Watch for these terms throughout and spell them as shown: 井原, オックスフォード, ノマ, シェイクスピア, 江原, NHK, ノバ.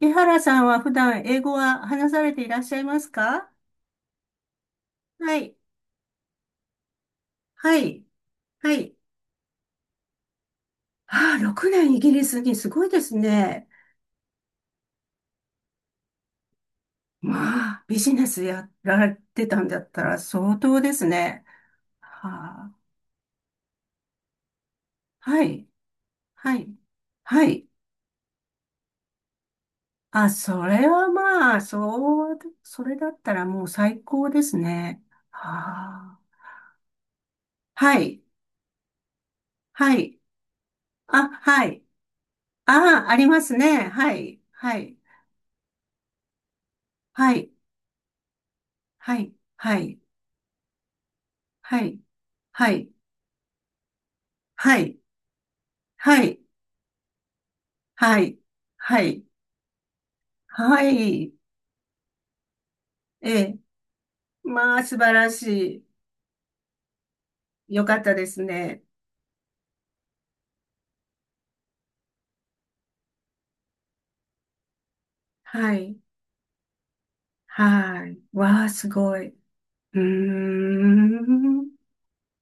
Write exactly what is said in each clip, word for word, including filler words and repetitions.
江原さんは普段英語は話されていらっしゃいますか？はい。はい。はい。ああ、ろくねんイギリスにすごいですね。まあ、ビジネスやられてたんだったら相当ですね。はあ、はい。はい。はい。あ、それはまあ、そう、それだったらもう最高ですね。はあ。はい。はい。あ、はい。ああ、ありますね。はい。はい。はい。はい。はい。はい。はい。はい。はい。はい。はい。はい。ええ。まあ、素晴らしい。よかったですね。はい。はい。わあ、すごい。うーん。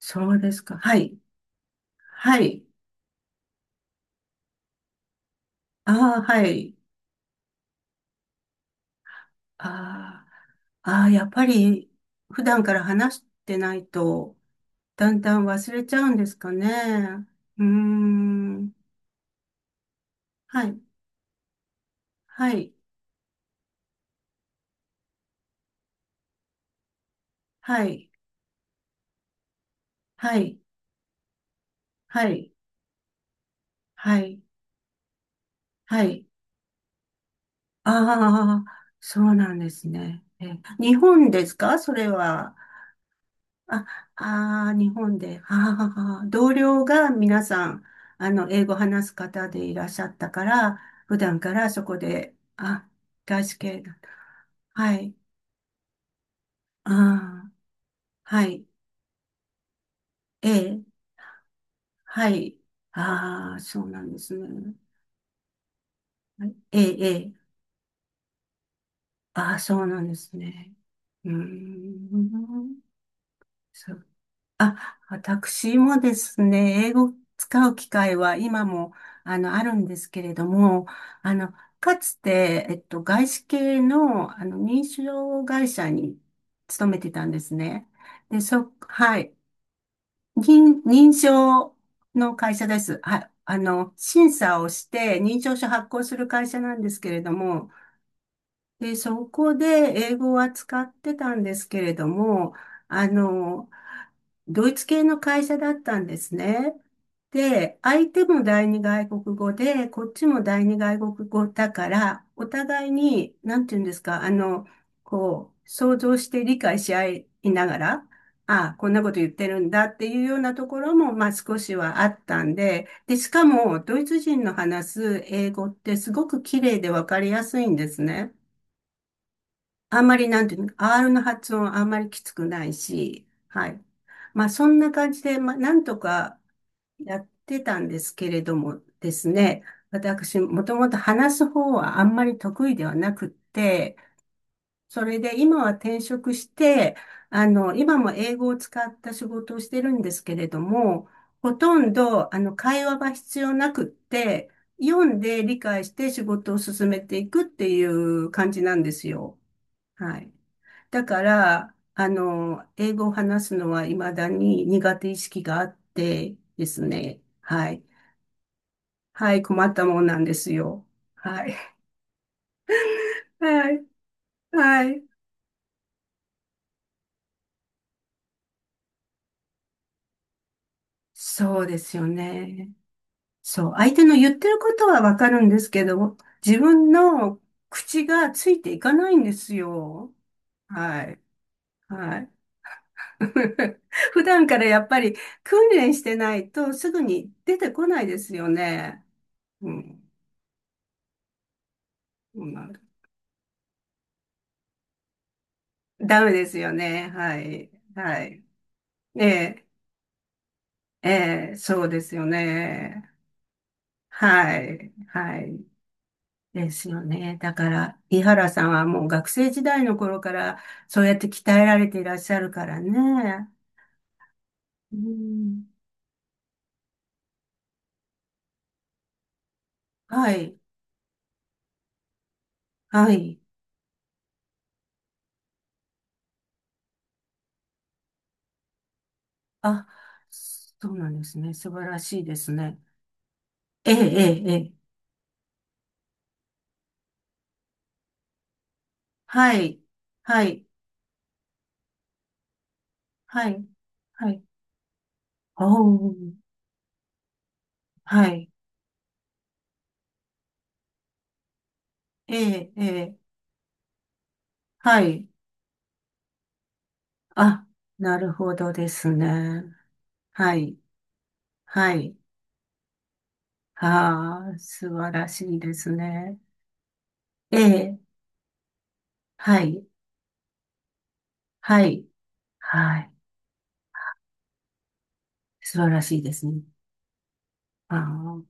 そうですか。はい。はい。ああ、はい。ああ、ああ、やっぱり、普段から話してないと、だんだん忘れちゃうんですかね。うーん。はい。はい。はい。はい。はい、はい、はい。ああ、そうなんですね。え、日本ですかそれは？あ、ああ、日本で。ああ、同僚が皆さん、あの、英語話す方でいらっしゃったから、普段からそこで、あ、外資系だ。はい、ああ、はい、ええ、はい。ああ、そうなんですね。はいええ、ええ、ああ、そうなんですね。うーん。そう、あ、私もですね、英語を使う機会は今も、あの、あるんですけれども、あの、かつて、えっと、外資系の、あの、認証会社に勤めてたんですね。で、そ、はい。認、認証の会社です。はい。あの、審査をして認証書発行する会社なんですけれども、で、そこで英語は使ってたんですけれども、あの、ドイツ系の会社だったんですね。で、相手も第二外国語で、こっちも第二外国語だから、お互いに、なんて言うんですか、あの、こう、想像して理解し合いながら、ああ、こんなこと言ってるんだっていうようなところも、まあ少しはあったんで、で、しかも、ドイツ人の話す英語ってすごく綺麗でわかりやすいんですね。あんまりなんていうの、R の発音あんまりきつくないし、はい。まあそんな感じで、まあなんとかやってたんですけれどもですね、私もともと話す方はあんまり得意ではなくって、それで今は転職して、あの、今も英語を使った仕事をしてるんですけれども、ほとんどあの会話は必要なくって、読んで理解して仕事を進めていくっていう感じなんですよ。はい。だから、あの、英語を話すのは未だに苦手意識があってですね。はい。はい、困ったもんなんですよ。はい。はい。はい。そうですよね。そう。相手の言ってることはわかるんですけど、自分の口がついていかないんですよ。はい。はい。普段からやっぱり訓練してないとすぐに出てこないですよね。うん。うんダメですよね。はい。はい。ええ、ええ、そうですよね。はい。はい。ですよね。だから、井原さんはもう学生時代の頃から、そうやって鍛えられていらっしゃるからね。うん。はい。はい。あ、そうなんですね。素晴らしいですね。ええ、ええ、ええ。はい。はい。はい。はい。おー。はい。ええ、ええ。はい。あ、なるほどですね。はい。はい。ああ、素晴らしいですね。ええ。はい。はい。はい。素晴らしいですね。ああ、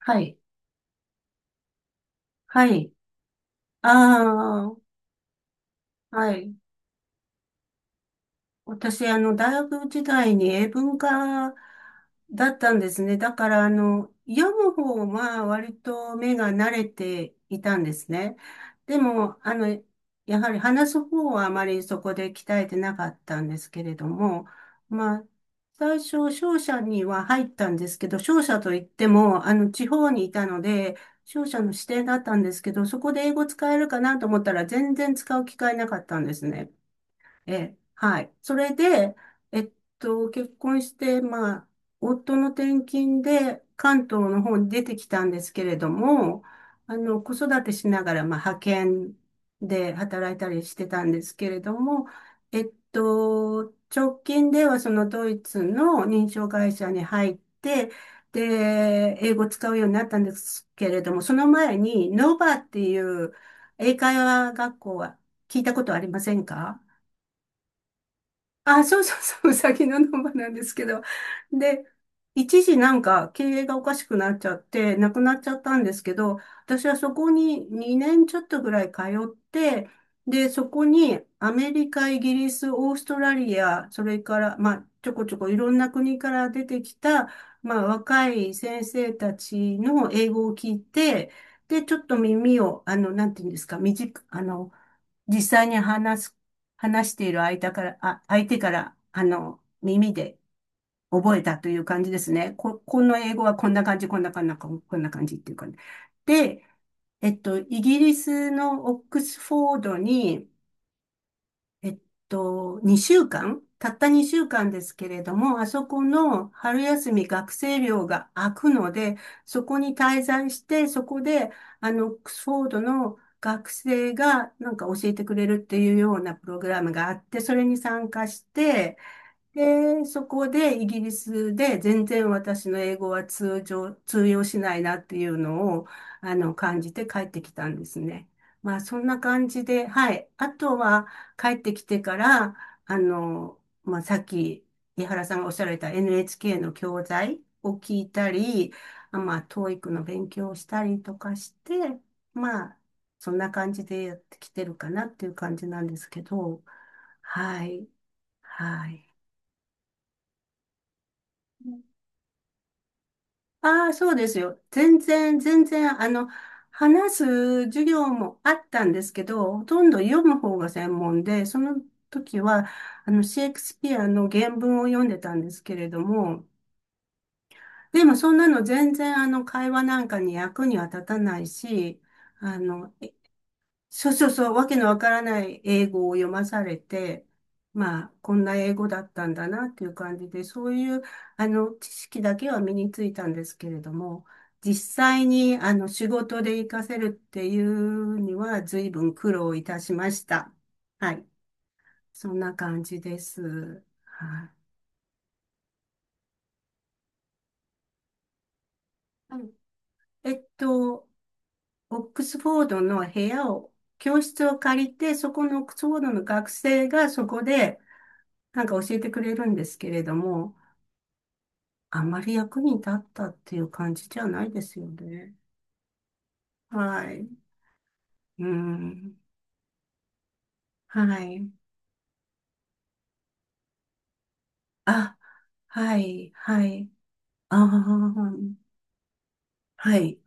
はい。はい。ああ、はい。私、あの、大学時代に英文科だったんですね。だから、あの、読む方は割と目が慣れていたんですね。でも、あの、やはり話す方はあまりそこで鍛えてなかったんですけれども、まあ、最初、商社には入ったんですけど、商社といっても、あの、地方にいたので、商社の指定だったんですけど、そこで英語使えるかなと思ったら全然使う機会なかったんですね。ええ、はい。それで、えっと、結婚して、まあ、夫の転勤で関東の方に出てきたんですけれども、あの、子育てしながら、まあ、派遣で働いたりしてたんですけれども、えっと、直近ではそのドイツの認証会社に入って、で、英語を使うようになったんですけれども、その前に、ノバっていう英会話学校は聞いたことありませんか？あ、そうそうそう、うさぎのノマなんですけど。で、一時なんか経営がおかしくなっちゃって、なくなっちゃったんですけど、私はそこににねんちょっとぐらい通って、で、そこにアメリカ、イギリス、オーストラリア、それから、まあ、ちょこちょこいろんな国から出てきた、まあ、若い先生たちの英語を聞いて、で、ちょっと耳を、あの、なんていうんですか、短く、あの、実際に話す話している相手から、あ、相手から、あの、耳で覚えたという感じですね。こ、この英語はこんな感じ、こんな感じ、こんな感じっていうかね。で、えっと、イギリスのオックスフォードに、えっと、にしゅうかんたったにしゅうかんですけれども、あそこの春休み学生寮が空くので、そこに滞在して、そこで、あの、オックスフォードの学生がなんか教えてくれるっていうようなプログラムがあって、それに参加して、で、そこでイギリスで全然私の英語は通常、通用しないなっていうのを、あの、感じて帰ってきたんですね。まあ、そんな感じで、はい。あとは、帰ってきてから、あの、まあ、さっき、井原さんがおっしゃられた エヌエイチケー の教材を聞いたり、あまあ、t o の勉強をしたりとかして、まあ、そんな感じでやってきてるかなっていう感じなんですけど、はい、はい。ああ、そうですよ。全然、全然、あの、話す授業もあったんですけど、ほとんど読む方が専門で、その時は、あの、シェイクスピアの原文を読んでたんですけれども、でもそんなの全然、あの、会話なんかに役には立たないし、あの、そうそうそう、わけのわからない英語を読まされて、まあ、こんな英語だったんだなっていう感じで、そういう、あの、知識だけは身についたんですけれども、実際に、あの、仕事で活かせるっていうには、随分苦労いたしました。はい。そんな感じです。はい。はいえっと、オックスフォードの部屋を、教室を借りて、そこのオックスフォードの学生がそこで、なんか教えてくれるんですけれども、あんまり役に立ったっていう感じじゃないですよね。はい。うん。はい。あ、はい、はい。ああ、はい、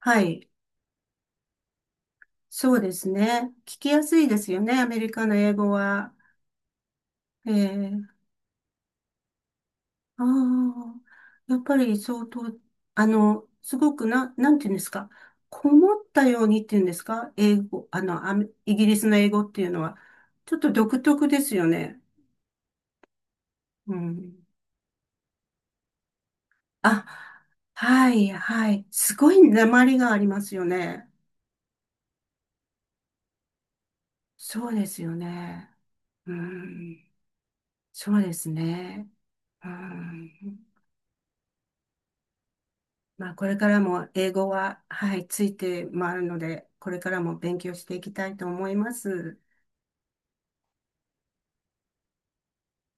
はい。そうですね。聞きやすいですよね、アメリカの英語は。ええああ、やっぱり相当、あの、すごくな、なんていうんですか、こもったようにっていうんですか、英語、あの、アメイギリスの英語っていうのは、ちょっと独特ですよね。うん。あ、はい、はい。すごい訛りがありますよね。そうですよね。うん。そうですね。うん。まあ、これからも英語は、はい、ついて回るので、これからも勉強していきたいと思います。